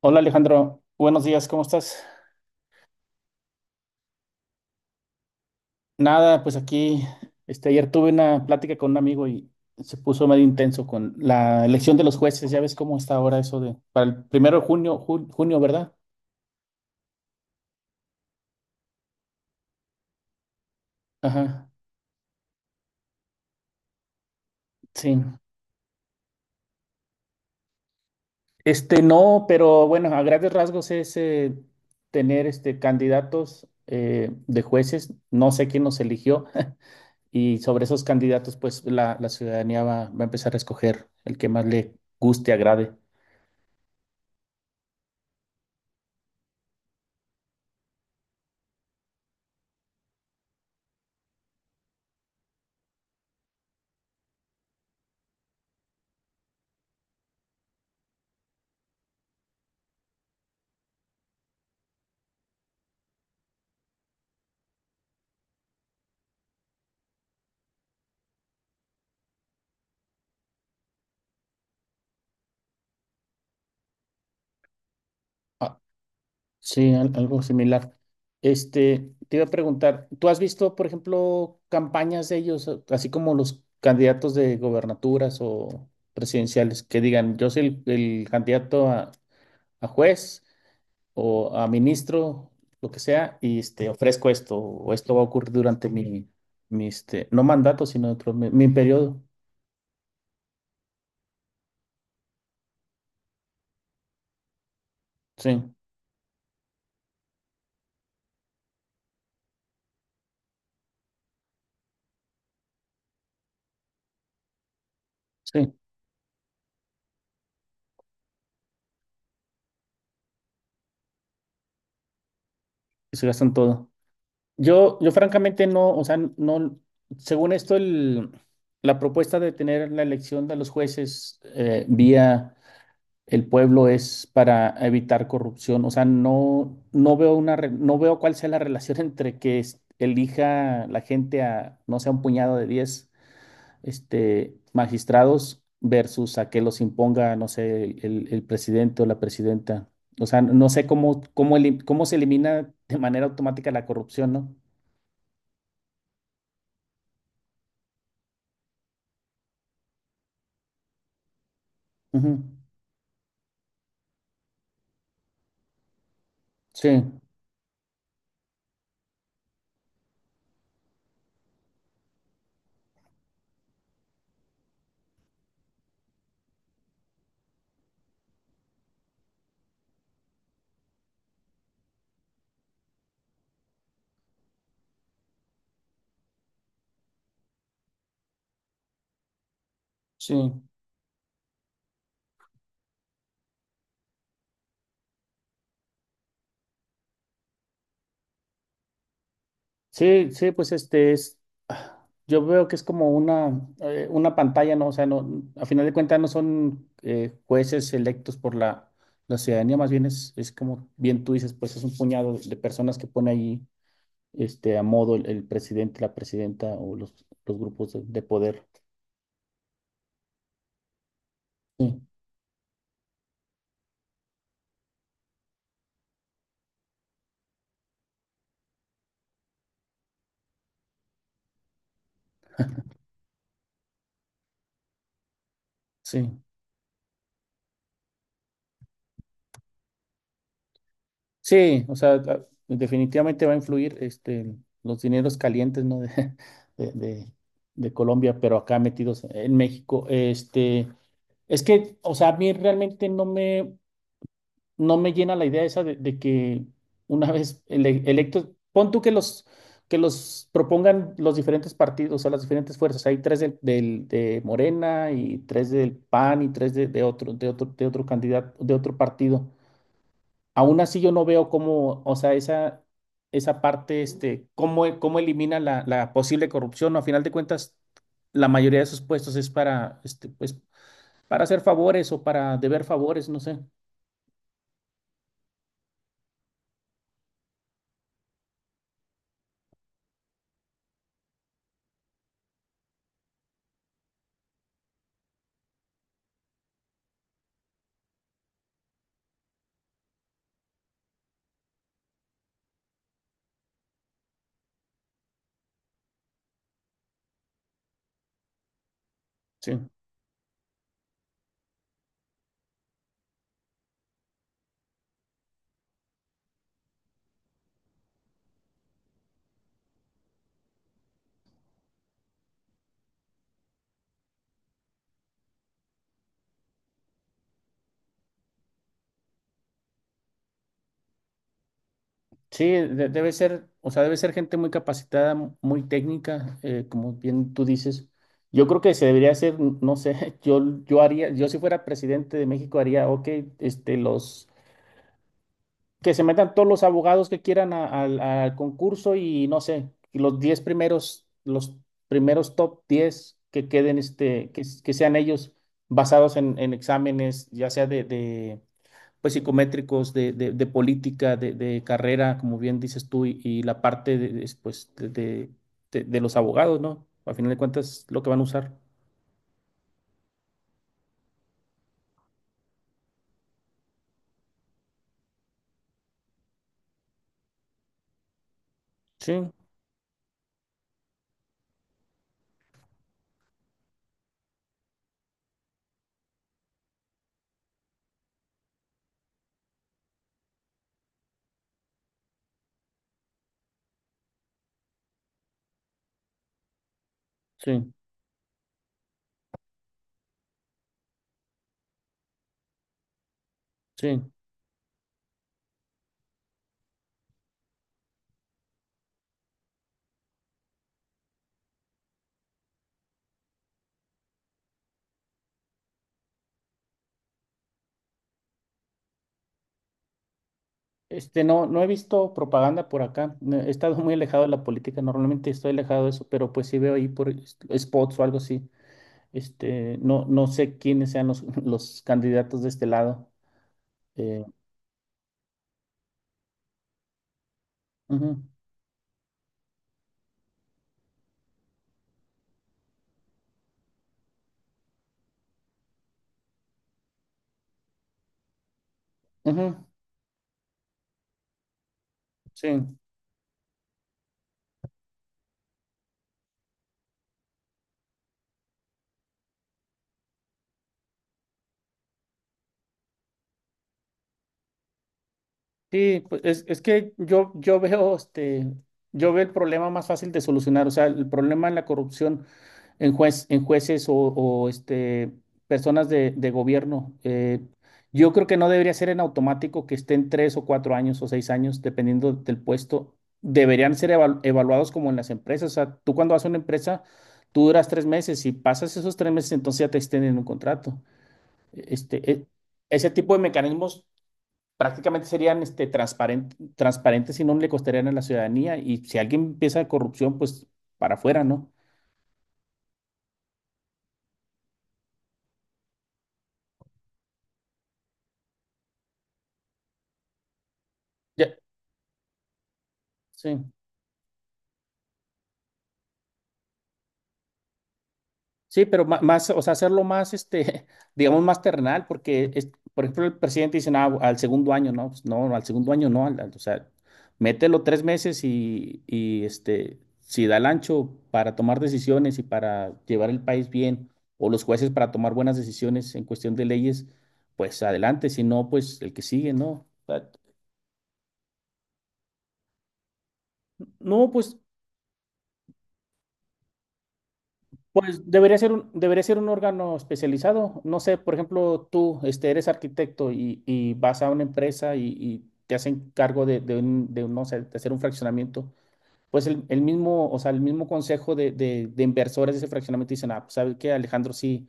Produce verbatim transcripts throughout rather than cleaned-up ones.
Hola Alejandro, buenos días, ¿cómo estás? Nada, pues aquí, este, ayer tuve una plática con un amigo y se puso medio intenso con la elección de los jueces, ya ves cómo está ahora eso de, para el primero de junio, ju- junio, ¿verdad? Ajá, sí. Este, no, pero bueno, a grandes rasgos es eh, tener este, candidatos eh, de jueces, no sé quién nos eligió, y sobre esos candidatos, pues la, la ciudadanía va, va a empezar a escoger el que más le guste, agrade. Sí, al- algo similar. Este, te iba a preguntar, ¿tú has visto, por ejemplo, campañas de ellos, a- así como los candidatos de gobernaturas o presidenciales, que digan, yo soy el, el candidato a, a juez o a ministro, lo que sea, y este, ofrezco esto, o esto va a ocurrir durante mi, mi este, no mandato, sino dentro de mi, mi periodo. Sí, sí, se gastan todo. Yo, yo francamente no, o sea, no, según esto, el, la propuesta de tener la elección de los jueces eh, vía el pueblo es para evitar corrupción. O sea, no, no veo una, re- no veo cuál sea la relación entre que es- elija la gente a, no sé, un puñado de diez este, magistrados versus a que los imponga, no sé, el, el presidente o la presidenta. O sea, no sé cómo, cómo, elim- cómo se elimina de manera automática la corrupción, ¿no? Ujú. Sí, sí, sí, sí, pues este es, ah, yo veo que es como una, eh, una pantalla, ¿no? O sea, no, a final de cuentas no son eh, jueces electos por la, la ciudadanía, más bien es, es como bien tú dices, pues es un puñado de personas que pone ahí este, a modo el, el presidente, la presidenta o los, los grupos de, de poder. Sí, sí. Sí, o sea, a- definitivamente va a influir este, los dineros calientes, ¿no? de, de- de- de Colombia, pero acá metidos en México. Este, es que, o sea, a mí realmente no me, no me llena la idea esa de, de que una vez ele- electos, pon tú que los, que los propongan los diferentes partidos, o sea, las diferentes fuerzas. Hay tres del, del- de Morena y tres del P A N y tres de, de otro, de otro, de otro candidato, de otro partido. Aún así yo no veo cómo, o sea, esa, esa parte, este, cómo, cómo elimina la, la posible corrupción. A final de cuentas, la mayoría de esos puestos es para, este, pues, para hacer favores o para deber favores, no sé. Sí. Sí, de- debe ser, o sea, debe ser gente muy capacitada, mu- muy técnica, eh, como bien tú dices. Yo creo que se debería hacer, no sé, yo, yo haría, yo si fuera presidente de México haría, ok, este, los que se metan todos los abogados que quieran a- al al concurso y no sé, y los diez primeros, los primeros top diez que queden, este, que, s- que sean ellos basados en, en exámenes, ya sea de, de, pues, psicométricos, de, de, de política, de, de carrera, como bien dices tú, y, y la parte de, de- pues, de, de, de- de los abogados, ¿no? Al final de cuentas, lo que van a usar. Sí, sí, sí. Este, no, no he visto propaganda por acá. No, he estado muy alejado de la política. Normalmente estoy alejado de eso, pero pues sí veo ahí por est- spots o algo así. Este, no, no sé quiénes sean los, los candidatos de este lado. Eh, ujú, ujú, sí. Sí, pues es, es que yo, yo veo este, yo veo el problema más fácil de solucionar, o sea, el problema en la corrupción en juez, en jueces o, o, este, personas de, de gobierno. Eh, yo creo que no debería ser en automático que estén tres o cuatro años o seis años, dependiendo del puesto. Deberían ser evalu- evaluados como en las empresas. O sea, tú cuando vas a una empresa, tú duras tres meses. Y pasas esos tres meses, entonces ya te extienden un contrato. Este, e- Ese tipo de mecanismos prácticamente serían este, transparent transparentes y no le costarían a la ciudadanía. Y si alguien empieza corrupción, pues para afuera, ¿no? Ya, sí. Sí, pero ma- más, o sea, hacerlo más, este, digamos, más terrenal, porque, es- por ejemplo, el presidente dice, "Ah, al segundo año, no, pues no, al segundo año no, al- al- o sea, mételo tres meses y, y, este, si da el ancho para tomar decisiones y para llevar el país bien, o los jueces para tomar buenas decisiones en cuestión de leyes, pues adelante, si no, pues el que sigue, ¿no? O sea, no, pues pues debería ser un, debería ser un órgano especializado. No sé, por ejemplo, tú este, eres arquitecto y, y vas a una empresa y, y te hacen cargo de, de un- de un, no sé, de hacer un fraccionamiento. Pues el, el mismo, o sea, el mismo consejo de, de- de inversores de ese fraccionamiento dicen, ah, pues sabes qué, Alejandro, sí,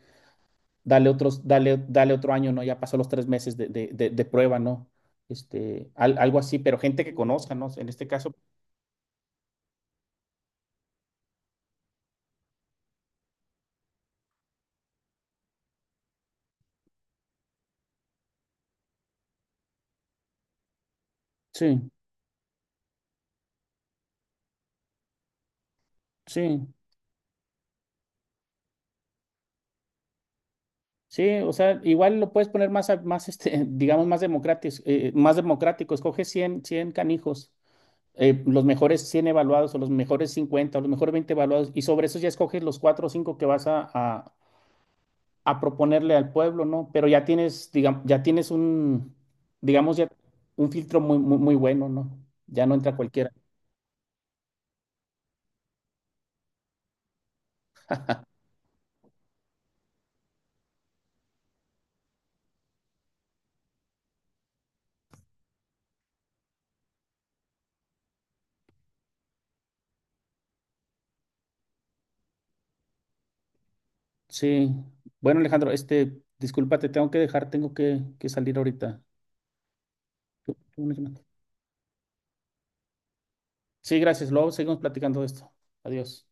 dale otros, dale, dale otro año, ¿no? Ya pasó los tres meses de, de- de- de prueba, ¿no? Este, al- algo así, pero gente que conozca, ¿no? En este caso. Sí, sí. Sí, o sea, igual lo puedes poner más, a- más este, digamos, más democrático, más democrático. Escoge cien, cien canijos, eh, los mejores cien evaluados o los mejores cincuenta, o los mejores veinte evaluados y sobre eso ya escoges los cuatro o cinco que vas a, a- a proponerle al pueblo, ¿no? Pero ya tienes, digamos, ya tienes un, digamos, ya un filtro muy, muy, muy bueno, ¿no? Ya no entra cualquiera. Sí. Bueno, Alejandro, este, disculpa, te tengo que dejar, tengo que, que salir ahorita. Sí, gracias. Luego seguimos platicando de esto. Adiós.